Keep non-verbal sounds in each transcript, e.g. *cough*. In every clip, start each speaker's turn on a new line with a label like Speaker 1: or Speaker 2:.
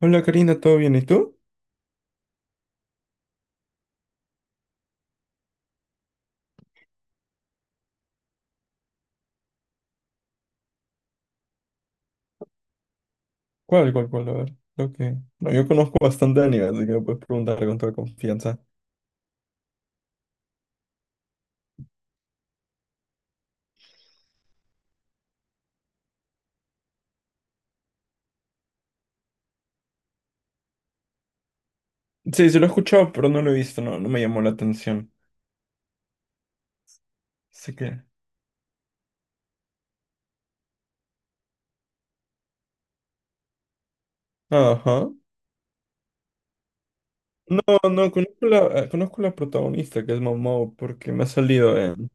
Speaker 1: Hola Karina, ¿todo bien? ¿Y tú? ¿Cuál? A ver, lo que... No, yo conozco bastante anime, así que me puedes preguntar con toda confianza. Sí, sí lo he escuchado, pero no lo he visto, no, no me llamó la atención. Así que... Ajá. No, no, conozco conozco la protagonista, que es Momo, porque me ha salido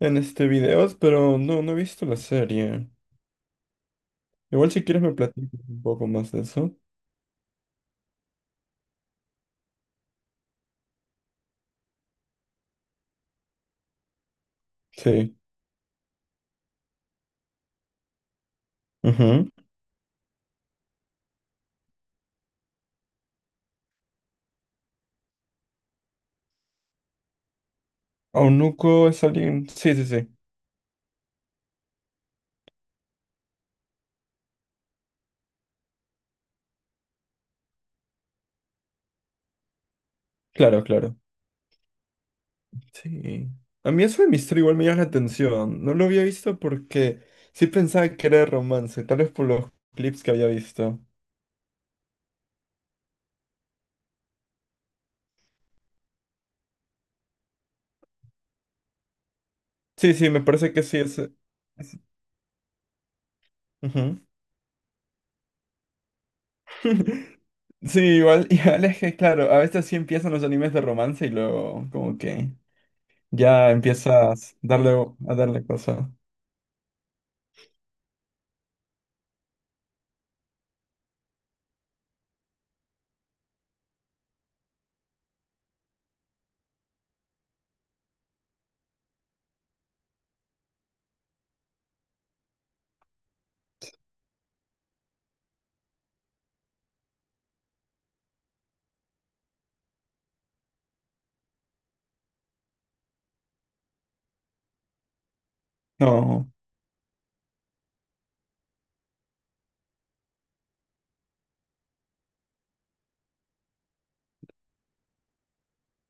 Speaker 1: en este videos, pero no, no he visto la serie. Igual si quieres me platicas un poco más de eso. Sí. Ajá. Aunuko es alguien... Sí, sí, sí. Claro, claro. Sí. A mí eso de misterio igual me llama la atención. No lo había visto porque sí pensaba que era de romance, tal vez por los clips que había visto. Sí, sí, me parece que sí es- ujú. *laughs* Sí, igual, igual es que, claro, a veces sí empiezan los animes de romance y luego como que ya empiezas a darle, a darle cosa. No.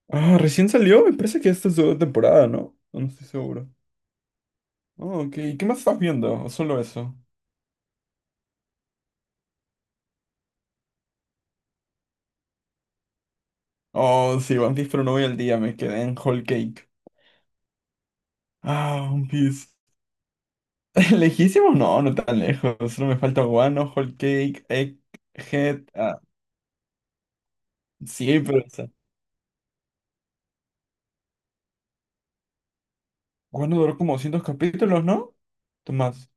Speaker 1: Ah, recién salió, me parece que esta es su segunda temporada, ¿no? No estoy seguro. Oh, ok. ¿Qué más estás viendo? ¿O solo eso? Oh, sí, One Piece, pero no voy al día, me quedé en Whole Cake. Ah, One Piece. *laughs* ¿Lejísimos? No, no tan lejos. Solo me falta Wano, Whole Cake, Egghead. Ah, sí, pero esa. Wano duró como 200 capítulos, ¿no? Tomás.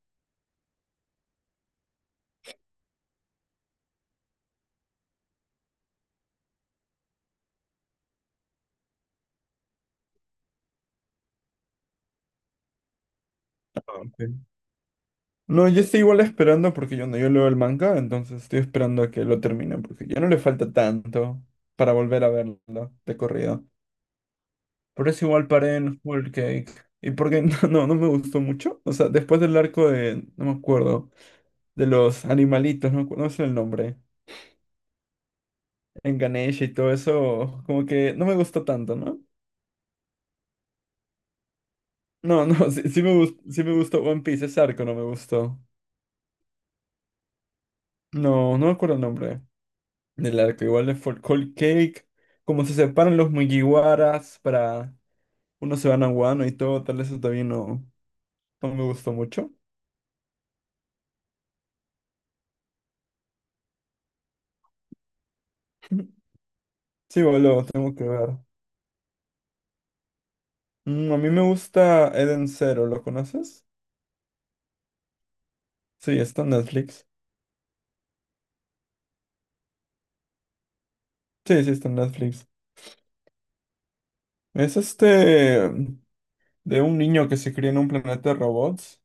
Speaker 1: Ah, ok. No, yo estoy igual esperando porque yo no, yo leo el manga, entonces estoy esperando a que lo termine porque ya no le falta tanto para volver a verlo de corrido. Por eso igual paré en Whole Cake. Y porque *laughs* no, no, no me gustó mucho. O sea, después del arco de... No me acuerdo. De los animalitos, no, no sé el nombre, en Ganesha y todo eso, como que no me gustó tanto, ¿no? No, *laughs* no, sí, sí me gustó One Piece, ese arco no me gustó. No, no me acuerdo el nombre del arco, igual de Fort Cold Cake, como se separan los Mugiwaras para uno se van a Wano y todo, tal vez eso también no, no me gustó mucho. *laughs* Sí, boludo, tengo que ver. Mm, a mí me gusta Eden Zero, ¿lo conoces? Sí, está en Netflix. Sí, sí, está en Netflix. Es este. De un niño que se cría en un planeta de robots.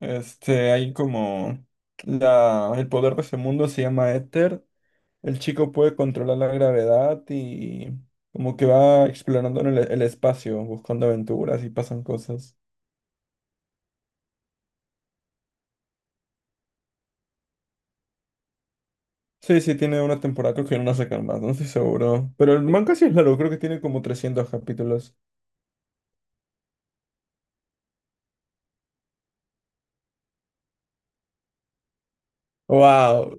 Speaker 1: Este, hay como el poder de ese mundo se llama éter. El chico puede controlar la gravedad y como que va explorando en el espacio, buscando aventuras y pasan cosas. Sí, sí, tiene una temporada, creo que no la sacan más, no estoy seguro. Pero el manga sí es largo, creo que tiene como 300 capítulos. ¡Wow!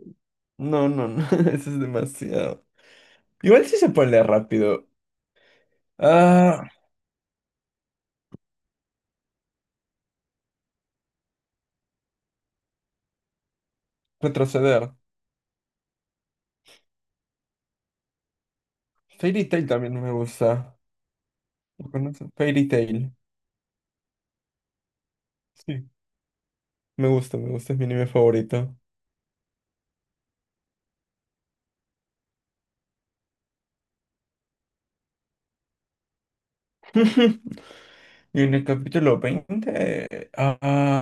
Speaker 1: No, no, no, *laughs* eso es demasiado. Igual sí se puede leer rápido. Ah, retroceder. Fairy Tail también me gusta. ¿Lo conoces? Fairy Tail. Sí. Me gusta, es mi anime favorito. *laughs* Y en el capítulo 20, ah,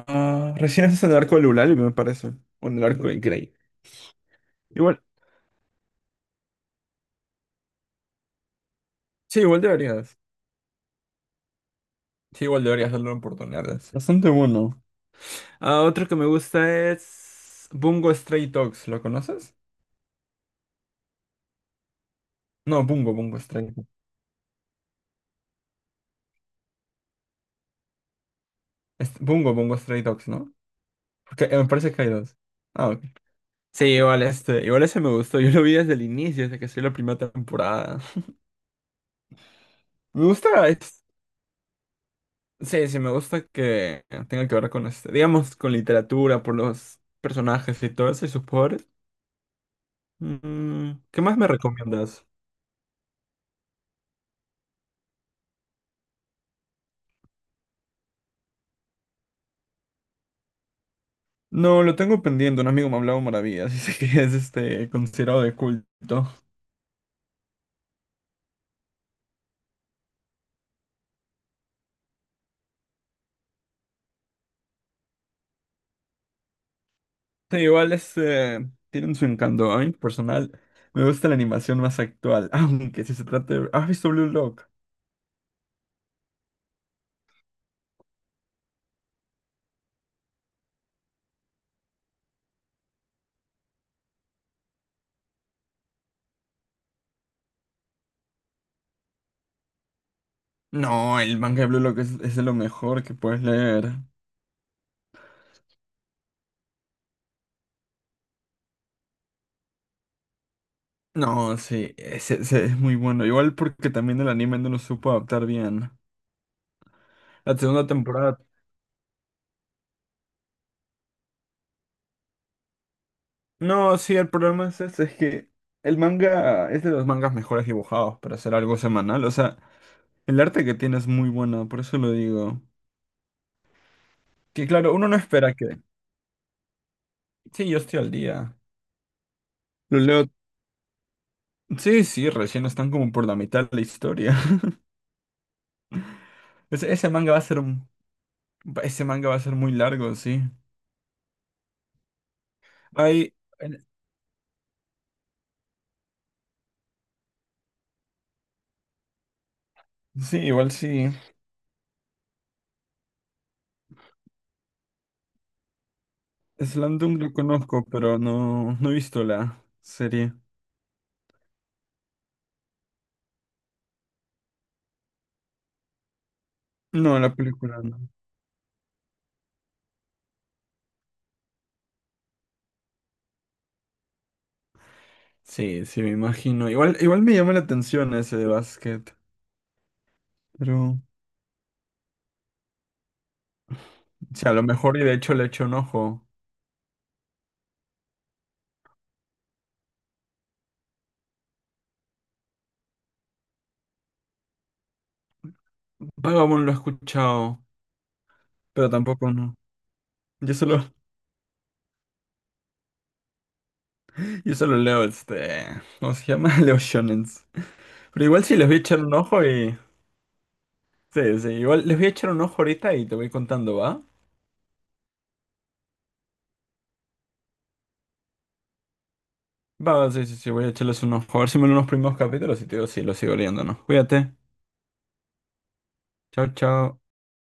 Speaker 1: ah, recién haces el arco de Lulaly, me parece. O en el arco de Grey. Igual. Sí, igual deberías. Sí, igual deberías darle una oportunidad. Es Bastante bueno. Ah, otro que me gusta es. Bungo Stray Dogs. ¿Lo conoces? No, Bungo, Bungo Stray. Es- Bungo Stray Dogs, ¿no? Porque me parece que hay dos. Ah, ok. Sí, igual este, igual ese me gustó. Yo lo vi desde el inicio, desde que salió la primera temporada. *laughs* Me gusta, es- sí, sí, me gusta que tenga que ver con este, digamos, con literatura, por los personajes y todo eso y sus poderes. Mm, ¿qué más me recomiendas? No, lo tengo pendiente. Un amigo me ha hablado maravillas, *laughs* dice que es este considerado de culto. Sí, igual este tienen su encanto. A mí, personal, me gusta la animación más actual, *laughs* aunque si se trata de, ¿has visto Blue Lock? No, el manga de Blue Lock es de lo mejor que puedes leer. No, sí, ese es muy bueno. Igual porque también el anime no lo supo adaptar bien. La segunda temporada. No, sí, el problema es ese, es que el manga es de los mangas mejores dibujados para hacer algo semanal. O sea, el arte que tiene es muy bueno, por eso lo digo. Que claro, uno no espera que. Sí, yo estoy al día. Lo leo. Sí, sí, recién están como por la mitad de la historia. *laughs* Ese manga va a ser un- Ese manga va a ser muy largo, sí. Hay. Sí, igual sí. Slandung lo conozco, pero no, no he visto la serie. No, la película no. Sí, sí, me imagino. Igual, igual me llama la atención ese de básquet. Pero, o sea a lo mejor y de hecho le echo un ojo. Vagabond lo he escuchado, pero tampoco no. Yo solo, *laughs* yo solo leo este. ¿Cómo se llama? *laughs* Leo shonens. Pero igual sí les voy a echar un ojo y. Sí, sí, igual les voy a echar un ojo ahorita y te voy contando, ¿va? Va, sí, sí, sí, voy a echarles un ojo. A ver si me ven unos primeros capítulos y te digo si lo sigo leyendo o no. Cuídate. Chao, chao.